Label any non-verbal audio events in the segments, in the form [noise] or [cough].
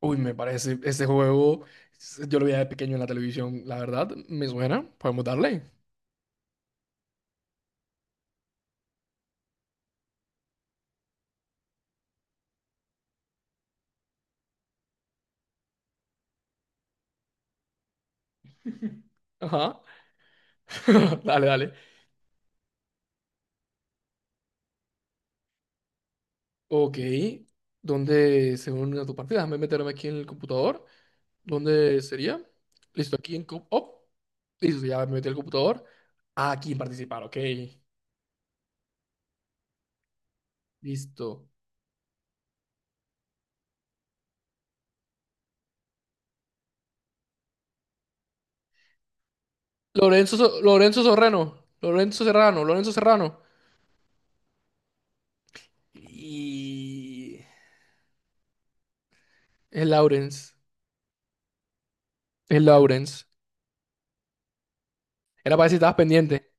Uy, me parece, ese juego, yo lo veía de pequeño en la televisión, la verdad, me suena, podemos darle. Ajá, [laughs] dale, dale. Ok, ¿dónde se une a tu partida? Déjame meterme aquí en el computador. ¿Dónde sería? Listo, aquí en Oh, listo, sí, ya me metí al computador. Ah, aquí en participar, ok. Listo. Lorenzo, Lorenzo Serrano, Lorenzo Serrano, Lorenzo Serrano. Y. Es Lawrence, es Lawrence. Era para ver si estabas pendiente.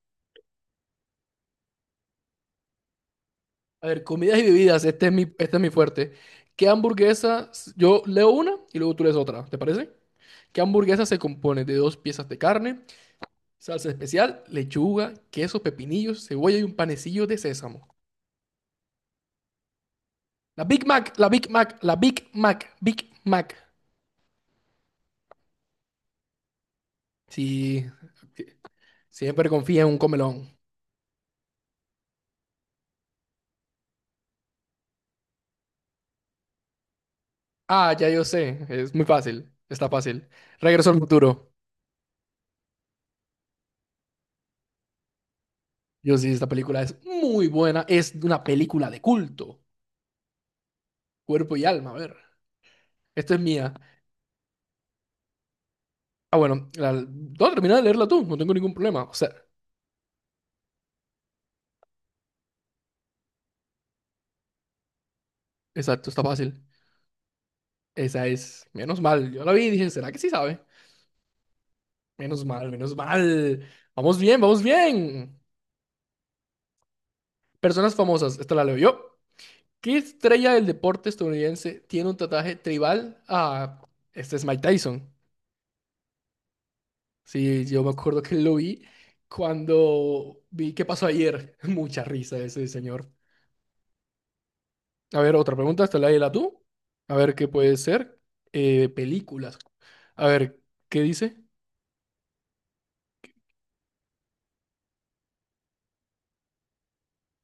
A ver, comidas y bebidas, este es mi fuerte. ¿Qué hamburguesa? Yo leo una y luego tú lees otra, ¿te parece? ¿Qué hamburguesa se compone de dos piezas de carne, salsa especial, lechuga, queso, pepinillos, cebolla y un panecillo de sésamo? La Big Mac, la Big Mac, la Big Mac, Big Mac. Sí, siempre confía en un comelón. Ah, ya yo sé, es muy fácil, está fácil. Regreso al futuro. Yo sí, esta película es muy buena, es una película de culto, cuerpo y alma, a ver. Esta es mía. Ah, bueno, no, termina de leerla tú, no tengo ningún problema. O sea, exacto, está fácil. Esa es, menos mal. Yo la vi y dije, ¿será que sí sabe? Menos mal, menos mal. Vamos bien, vamos bien. Personas famosas, esta la leo yo. ¿Qué estrella del deporte estadounidense tiene un tatuaje tribal? Ah, este es Mike Tyson. Sí, yo me acuerdo que lo vi cuando vi qué pasó ayer. [laughs] Mucha risa ese señor. A ver, otra pregunta, hasta la tú. A ver, ¿qué puede ser? Películas. A ver, ¿qué dice?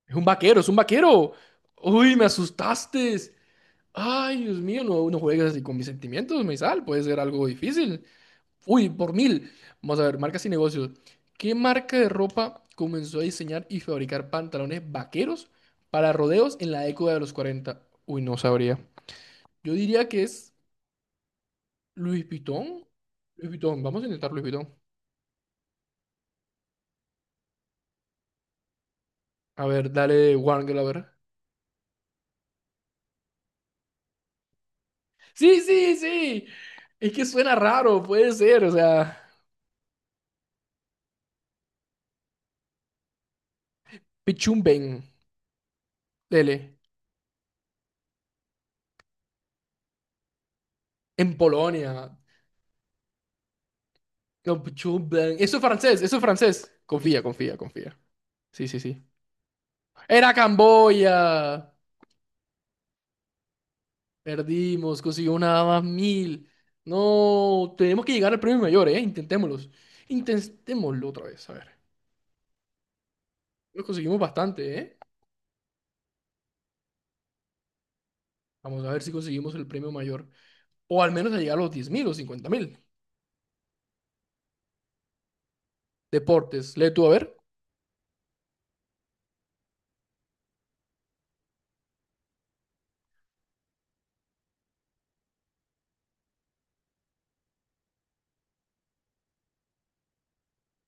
Es un vaquero, es un vaquero. Uy, me asustaste. Ay, Dios mío, no, no juegues así con mis sentimientos, Meizal. Puede ser algo difícil. Uy, por 1000. Vamos a ver, marcas y negocios. ¿Qué marca de ropa comenzó a diseñar y fabricar pantalones vaqueros para rodeos en la década de los 40? Uy, no sabría. Yo diría que es Louis Vuitton. Louis Vuitton, vamos a intentar Louis Vuitton. A ver, dale One Girl, a ver. Sí, sí, sí. Es que suena raro, puede ser. O sea, Pichumben, dele. En Polonia. No, Pichumben. Eso es francés, eso es francés. Confía, confía, confía. Sí, sí, sí. Era Camboya. Perdimos, consiguió nada más 1000. No, tenemos que llegar al premio mayor, ¿eh? Intentémoslo. Intentémoslo otra vez, a ver. Lo conseguimos bastante, ¿eh? Vamos a ver si conseguimos el premio mayor. O al menos a llegar a los 10.000 o 50.000. Deportes, lee tú, a ver.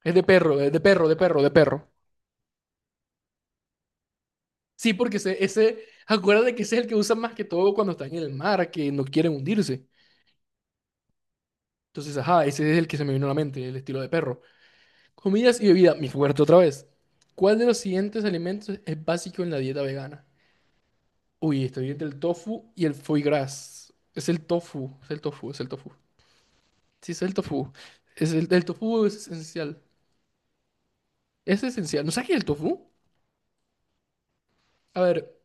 Es de perro, de perro, de perro. Sí, porque ese, acuérdate que ese es el que usan más que todo cuando están en el mar, que no quieren hundirse. Entonces, ajá, ese es el que se me vino a la mente, el estilo de perro. Comidas y bebida, mi fuerte otra vez. ¿Cuál de los siguientes alimentos es básico en la dieta vegana? Uy, estoy entre el tofu y el foie gras. Es el tofu, es el tofu, es el tofu. Sí, es el tofu. El tofu es esencial. Es esencial. ¿No sabes qué es el tofu? A ver,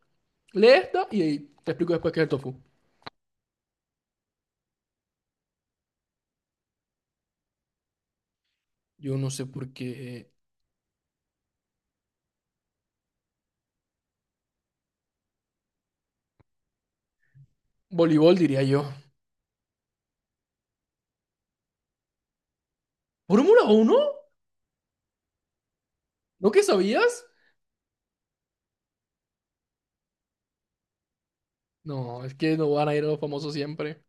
lee esto y te explico después qué es el tofu. Yo no sé por qué. Voleibol, diría yo. ¿Fórmula uno? ¿No que sabías? No, es que no van a ir a los famosos siempre.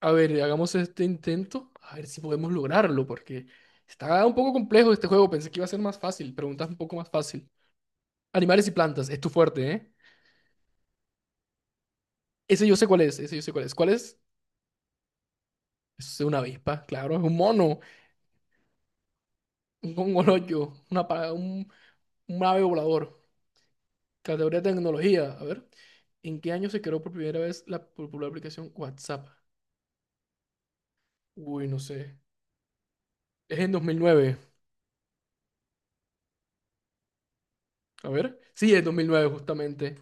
A ver, hagamos este intento. A ver si podemos lograrlo, porque está un poco complejo este juego. Pensé que iba a ser más fácil. Preguntas un poco más fácil. Animales y plantas, es tu fuerte, ¿eh? Ese yo sé cuál es, ese yo sé cuál es. ¿Cuál es? Es una avispa, claro, es un mono, un congolollo, un ave volador. Categoría de tecnología, a ver. ¿En qué año se creó por primera vez la popular aplicación WhatsApp? Uy, no sé. Es en 2009. A ver. Sí, es 2009 justamente.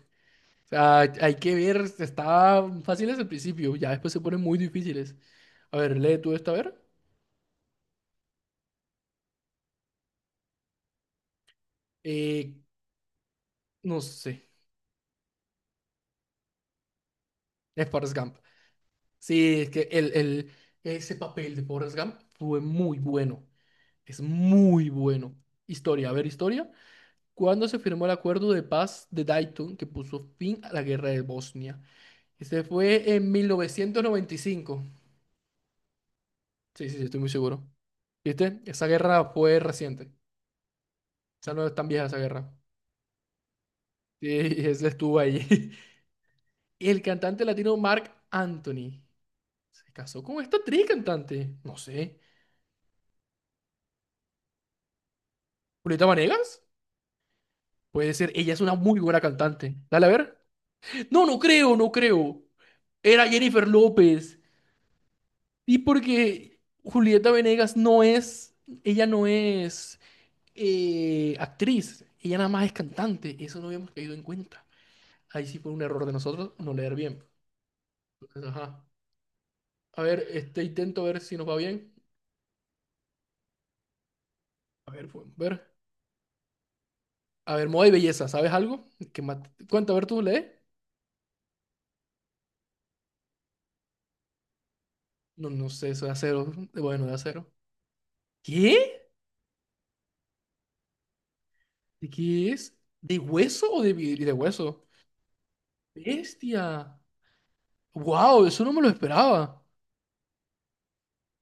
O sea, hay que ver. Estaban fáciles al principio. Ya después se ponen muy difíciles. A ver, lee tú esta, a ver. Eh, no sé. Es Forrest Gump. Sí, es que ese papel de Forrest Gump fue muy bueno. Es muy bueno. Historia, a ver, historia. ¿Cuándo se firmó el acuerdo de paz de Dayton que puso fin a la guerra de Bosnia? Este fue en 1995. Sí, sí, sí, estoy muy seguro. ¿Viste? Esa guerra fue reciente. O sea, no es tan vieja esa guerra. Sí, [laughs] ese estuvo ahí. [laughs] Y el cantante latino Marc Anthony se casó con esta actriz cantante. No sé. ¿Julieta Vanegas? Puede ser. Ella es una muy buena cantante. Dale a ver. No, no creo, no creo. Era Jennifer López. Y porque Julieta Venegas no es, ella no es actriz, ella nada más es cantante. Eso no habíamos caído en cuenta. Ahí sí fue un error de nosotros no leer bien. Entonces, ajá. A ver, este intento ver si nos va bien. A ver, podemos ver. A ver, moda y belleza, ¿sabes algo? Cuenta, a ver, tú lees. No, no sé, eso de acero. Bueno, de acero. ¿Qué? ¿De qué es? ¿De hueso o de hueso? Bestia. Wow, eso no me lo esperaba.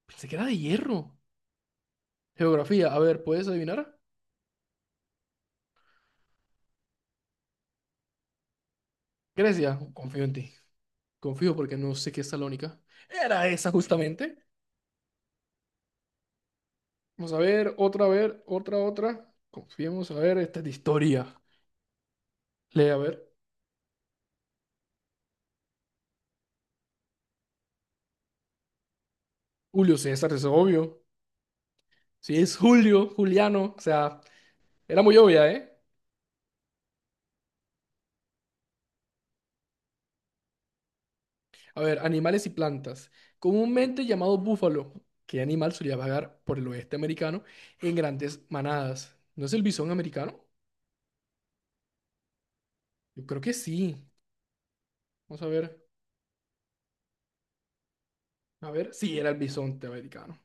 Pensé que era de hierro. Geografía, a ver, ¿puedes adivinar? Grecia, confío en ti. Confío porque no sé qué es Salónica. Era esa justamente. Vamos a ver, otra, otra. Confiemos, a ver, esta es de historia. Lee, a ver. Julio César, es obvio. Sí, es Julio, Juliano. O sea, era muy obvia, ¿eh? A ver, animales y plantas. Comúnmente llamado búfalo. ¿Qué animal solía vagar por el oeste americano en grandes manadas? ¿No es el bisón americano? Yo creo que sí. Vamos a ver. A ver, sí, era el bisonte americano.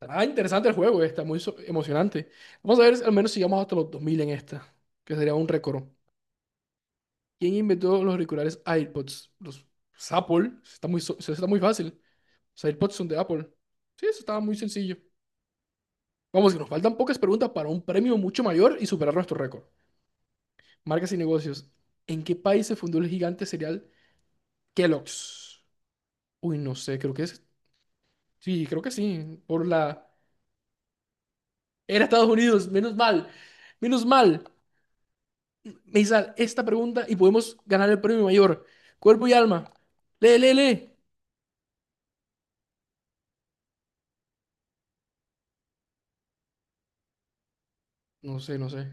Ah, interesante el juego, está muy emocionante. Vamos a ver, si al menos sigamos hasta los 2000 en esta, que sería un récord. ¿Quién inventó los auriculares AirPods? Los Apple. Eso está muy, eso está muy fácil. Los AirPods son de Apple. Sí, eso estaba muy sencillo. Vamos, que nos faltan pocas preguntas para un premio mucho mayor y superar nuestro récord. Marcas y negocios. ¿En qué país se fundó el gigante cereal Kellogg's? Uy, no sé, creo que es. Sí, creo que sí. Por la. Era Estados Unidos, menos mal. Menos mal. Me hizo esta pregunta y podemos ganar el premio mayor. Cuerpo y alma. Lee, lee, lee. No sé, no sé.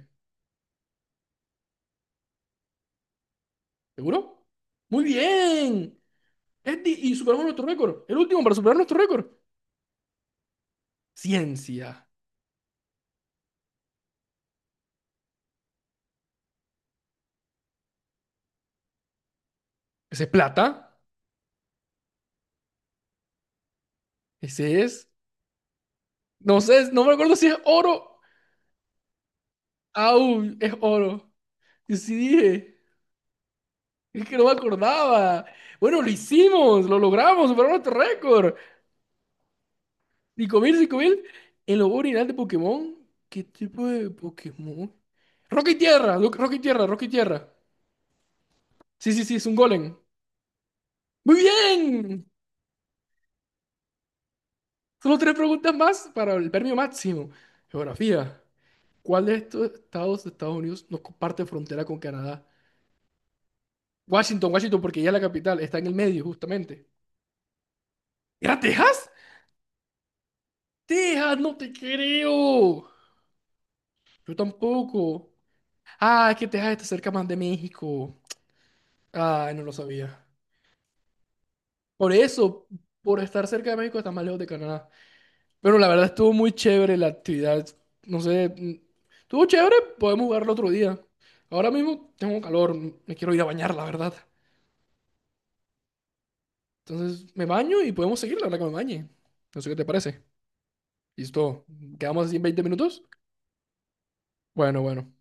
¿Seguro? Muy bien. Y superamos nuestro récord. El último para superar nuestro récord. Ciencia. Ese es plata. Ese es. No sé, no me acuerdo si es oro. Au, es oro. Y sí dije. Es que no me acordaba. Bueno, lo hicimos. Lo logramos. Superamos nuestro récord. 5000, 5000. El logo original de Pokémon. ¿Qué tipo de Pokémon? Roca y tierra. Roca y tierra. Roca y tierra. Sí, sí, sí. Es un golem. Muy bien. Solo tres preguntas más para el premio máximo. Geografía. ¿Cuál de estos estados de Estados Unidos no comparte frontera con Canadá? Washington, Washington, porque ya es la capital, está en el medio, justamente. ¿Era Texas? Texas, no te creo. Yo tampoco. Ah, es que Texas está cerca más de México. Ah, no lo sabía. Por eso, por estar cerca de México, está más lejos de Canadá. Pero la verdad estuvo muy chévere la actividad. No sé, estuvo chévere, podemos jugarlo otro día. Ahora mismo tengo calor, me quiero ir a bañar, la verdad. Entonces me baño y podemos seguir la hora que me bañe. No sé qué te parece. Listo, quedamos así en 20 minutos. Bueno, bueno.